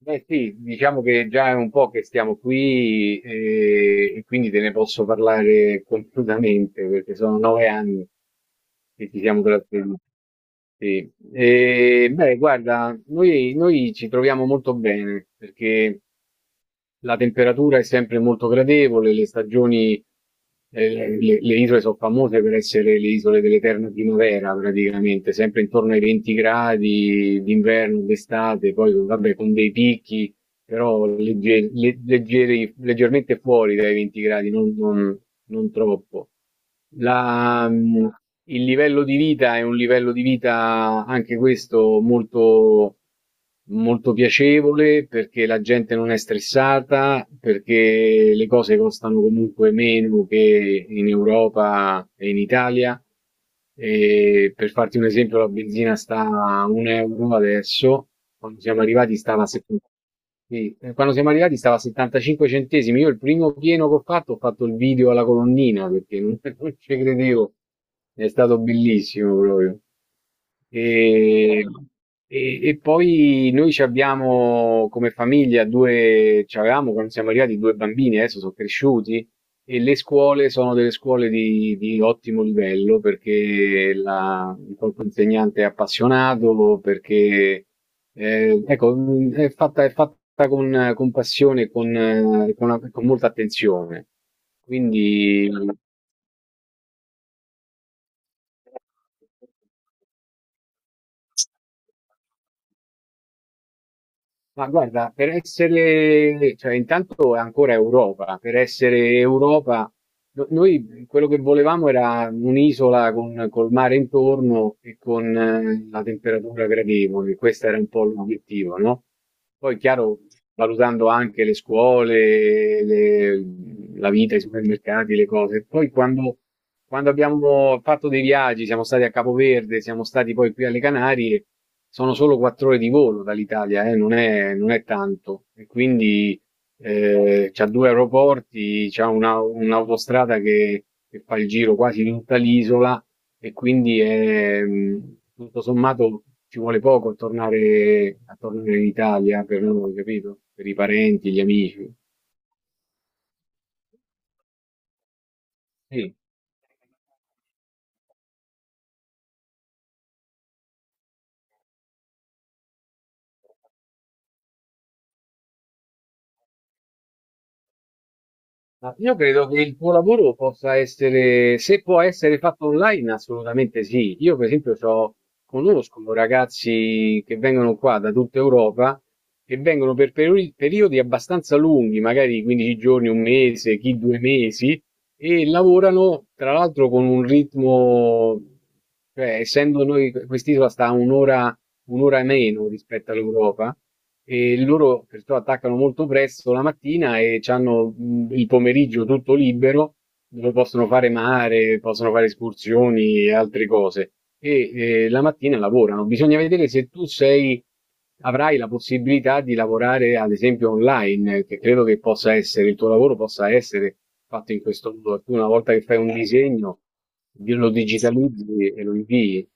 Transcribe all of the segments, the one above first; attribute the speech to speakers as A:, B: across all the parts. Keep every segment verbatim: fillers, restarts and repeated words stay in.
A: Beh sì, diciamo che già è un po' che stiamo qui e, e quindi te ne posso parlare completamente perché sono nove anni che ci siamo trattenuti. Sì. E, beh, guarda, noi, noi ci troviamo molto bene perché la temperatura è sempre molto gradevole, le stagioni, eh, le, le isole sono famose per essere le isole dell'eterna primavera praticamente, sempre intorno ai venti gradi d'inverno, d'estate, poi vabbè con dei picchi però legge- le- leggeri- leggermente fuori dai venti gradi, non, non- non troppo. La- mh, il livello di vita è un livello di vita anche questo molto, molto piacevole perché la gente non è stressata, perché le cose costano comunque meno che in Europa e in Italia. E per farti un esempio, la benzina sta a un euro adesso, quando siamo arrivati stava a settanta. Sì, eh, Quando siamo arrivati stava a settantacinque centesimi. Io il primo pieno che ho fatto, ho fatto il video alla colonnina perché non, non ci credevo. È stato bellissimo proprio. E, e- e poi noi ci abbiamo come famiglia due, ci avevamo quando siamo arrivati due bambini, adesso sono cresciuti e le scuole sono delle scuole di, di ottimo livello perché la- il corpo insegnante è appassionato, perché eh, ecco, mh, è fatta, è fatta con, con passione e con, eh, con una- con molta attenzione. Quindi Ma guarda, per essere, cioè intanto è ancora Europa, per essere Europa, no- noi quello che volevamo era un'isola con col mare intorno e con eh, la temperatura gradevole, questo era un po' l'obiettivo, no? Poi, chiaro, valutando anche le scuole, le- la vita, i supermercati, le cose. Poi quando quando abbiamo fatto dei viaggi, siamo stati a Capoverde, siamo stati poi qui alle Canarie, sono solo quattro ore di volo dall'Italia, eh, non è, non è tanto. E quindi eh, c'ha due aeroporti, c'ha una- un'autostrada che, che fa il giro quasi di tutta l'isola e quindi è, mh, tutto sommato ci vuole poco a tornare, a tornare in Italia per noi, capito? Per i parenti, gli amici. Sì. Ma Io credo che il tuo lavoro possa essere, se può essere fatto online, assolutamente sì. Io, per esempio, so- conosco ragazzi che vengono qua da tutta Europa e vengono per peri- periodi abbastanza lunghi, magari quindici giorni, un mese, chi due mesi, e lavorano tra l'altro con un ritmo, cioè, essendo noi, quest'isola sta a un'ora, un'ora meno rispetto all'Europa, e loro perciò attaccano molto presto la mattina e c'hanno mh, il pomeriggio tutto libero, dove possono fare mare, possono fare escursioni e altre cose. E eh, la mattina lavorano. Bisogna vedere se tu sei, avrai la possibilità di lavorare, ad esempio, online, che credo che possa essere, il tuo lavoro possa essere fatto in questo modo. Tu una volta che fai un disegno, lo digitalizzi e lo invii.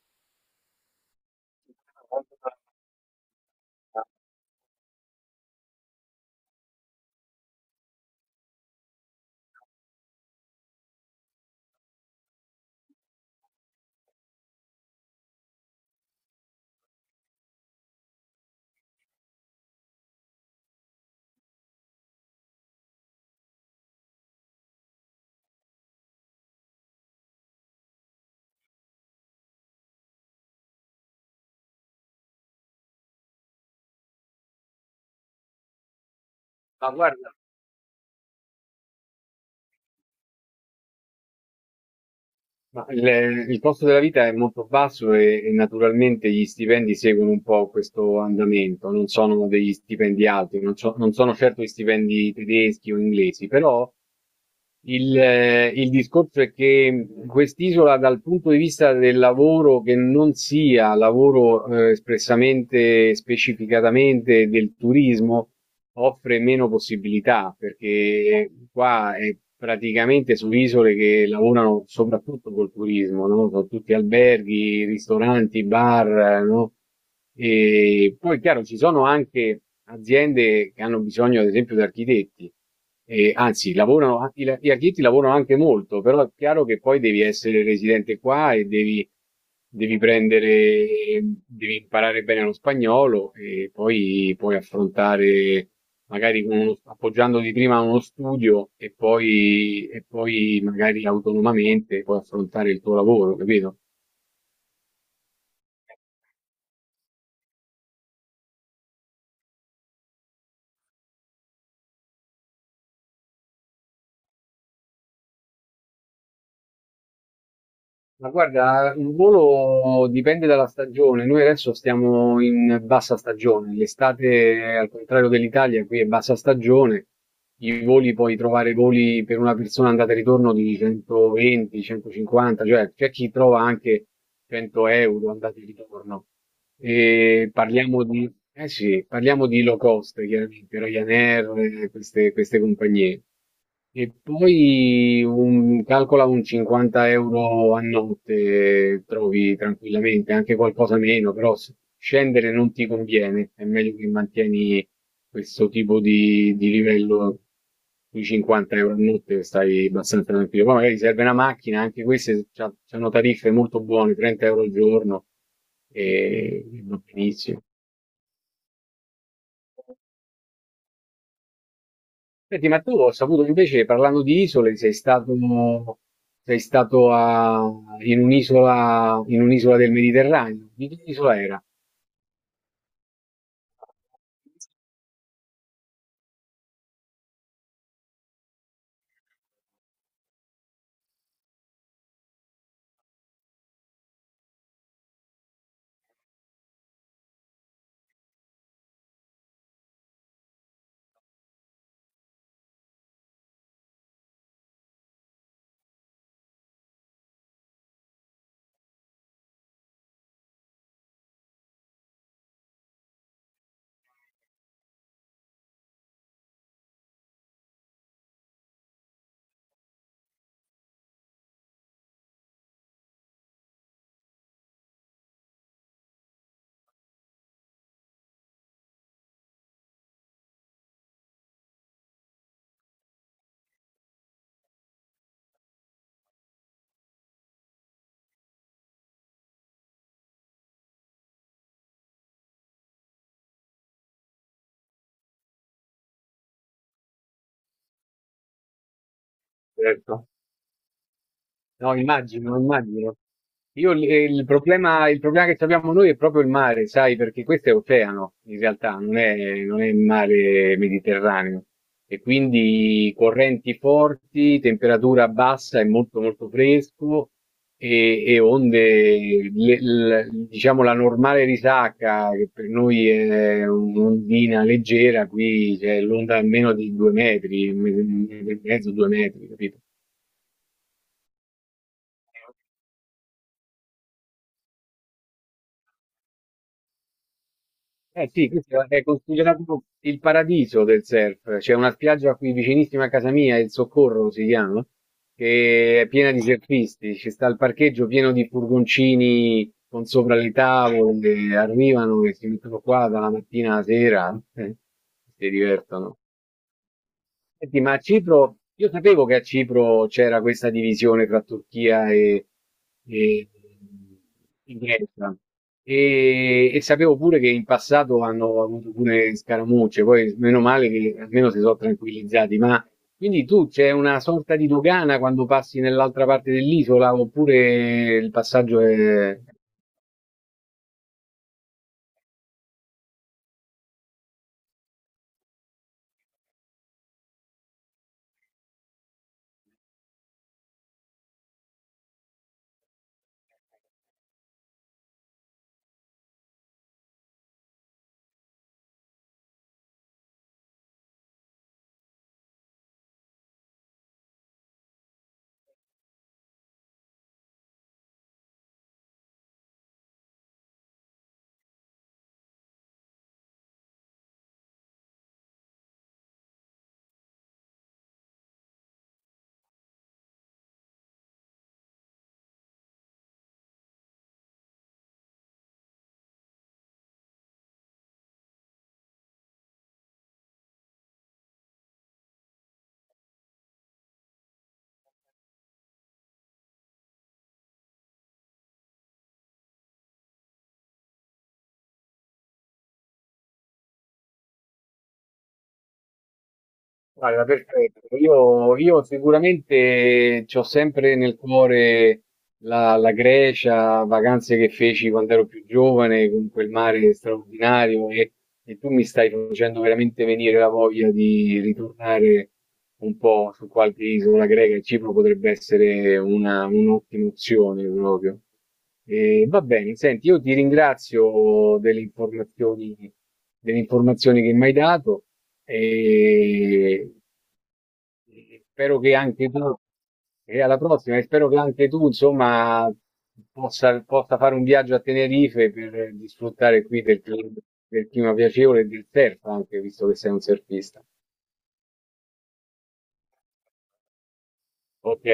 A: Ma guarda, ma il, il costo della vita è molto basso e, e naturalmente gli stipendi seguono un po' questo andamento, non sono degli stipendi alti, non, so- non sono certo gli stipendi tedeschi o inglesi, però il, eh, il discorso è che quest'isola dal punto di vista del lavoro che non sia lavoro eh, espressamente, specificatamente del turismo, offre meno possibilità perché qua è praticamente su isole che lavorano soprattutto col turismo, no? Sono tutti alberghi, ristoranti, bar, no? E poi, chiaro, ci sono anche aziende che hanno bisogno, ad esempio, di architetti. E anzi, lavorano, i la- gli architetti lavorano anche molto, però è chiaro che poi devi essere residente qua e devi, devi prendere, devi imparare bene lo spagnolo e poi puoi affrontare, magari con uno- appoggiandoti prima a uno studio e poi, e poi magari autonomamente puoi affrontare il tuo lavoro, capito? Ma guarda, il volo dipende dalla stagione. Noi adesso stiamo in bassa stagione. L'estate, al contrario dell'Italia, qui è bassa stagione. I voli puoi trovare voli per una persona andata e ritorno di centoventi, centocinquanta, cioè c'è chi trova anche cento euro andata e ritorno. E parliamo di, eh sì, parliamo di low cost, chiaramente, Ryanair, eh, queste, queste compagnie. E poi un, calcola un cinquanta euro a notte, eh, trovi tranquillamente, anche qualcosa meno, però s- scendere non ti conviene, è meglio che mantieni questo tipo di, di livello sui cinquanta euro a notte, stai abbastanza tranquillo. Poi magari serve una macchina, anche queste c'ha- hanno tariffe molto buone, trenta euro al giorno. E va benissimo. Senti, ma tu ho saputo invece, parlando di isole, sei stato, sei stato a- in un'isola, in un'isola del Mediterraneo. Di che isola era? Certo. No, immagino, immagino. Io l- eh, il problema, il problema che abbiamo noi è proprio il mare, sai, perché questo è oceano, in realtà, non è, non è il mare Mediterraneo. E quindi correnti forti, temperatura bassa e molto molto fresco e, e onde, le- l- diciamo la normale risacca, che per noi è un'ondina leggera, qui c'è l'onda almeno di due metri, un metro e mezzo, due metri, capito? Eh sì, questo è considerato il paradiso del surf. C'è una spiaggia qui vicinissima a casa mia, il Soccorro si chiama, che è piena di surfisti. Ci sta il parcheggio pieno di furgoncini con sopra le tavole, arrivano e si mettono qua dalla mattina alla sera eh, si divertono. Senti, ma a Cipro, io sapevo che a Cipro c'era questa divisione tra Turchia e, e- e Grecia e, e sapevo pure che in passato hanno avuto pure scaramucce, poi meno male che almeno si sono tranquillizzati, ma quindi tu c'è una sorta di dogana quando passi nell'altra parte dell'isola oppure il passaggio è…? Guarda, perfetto. Io, io sicuramente ci ho sempre nel cuore la, la Grecia, vacanze che feci quando ero più giovane, con quel mare straordinario e, e tu mi stai facendo veramente venire la voglia di ritornare un po' su qualche isola greca e Cipro potrebbe essere una, un'ottima opzione proprio. E va bene, senti, io ti ringrazio delle informazioni, delle informazioni che mi hai dato e e spero che anche tu, e alla prossima, e spero che anche tu, insomma, possa, possa fare un viaggio a Tenerife per eh, disfruttare qui del, cli- del clima piacevole e del surf, anche visto che sei un surfista. Ok.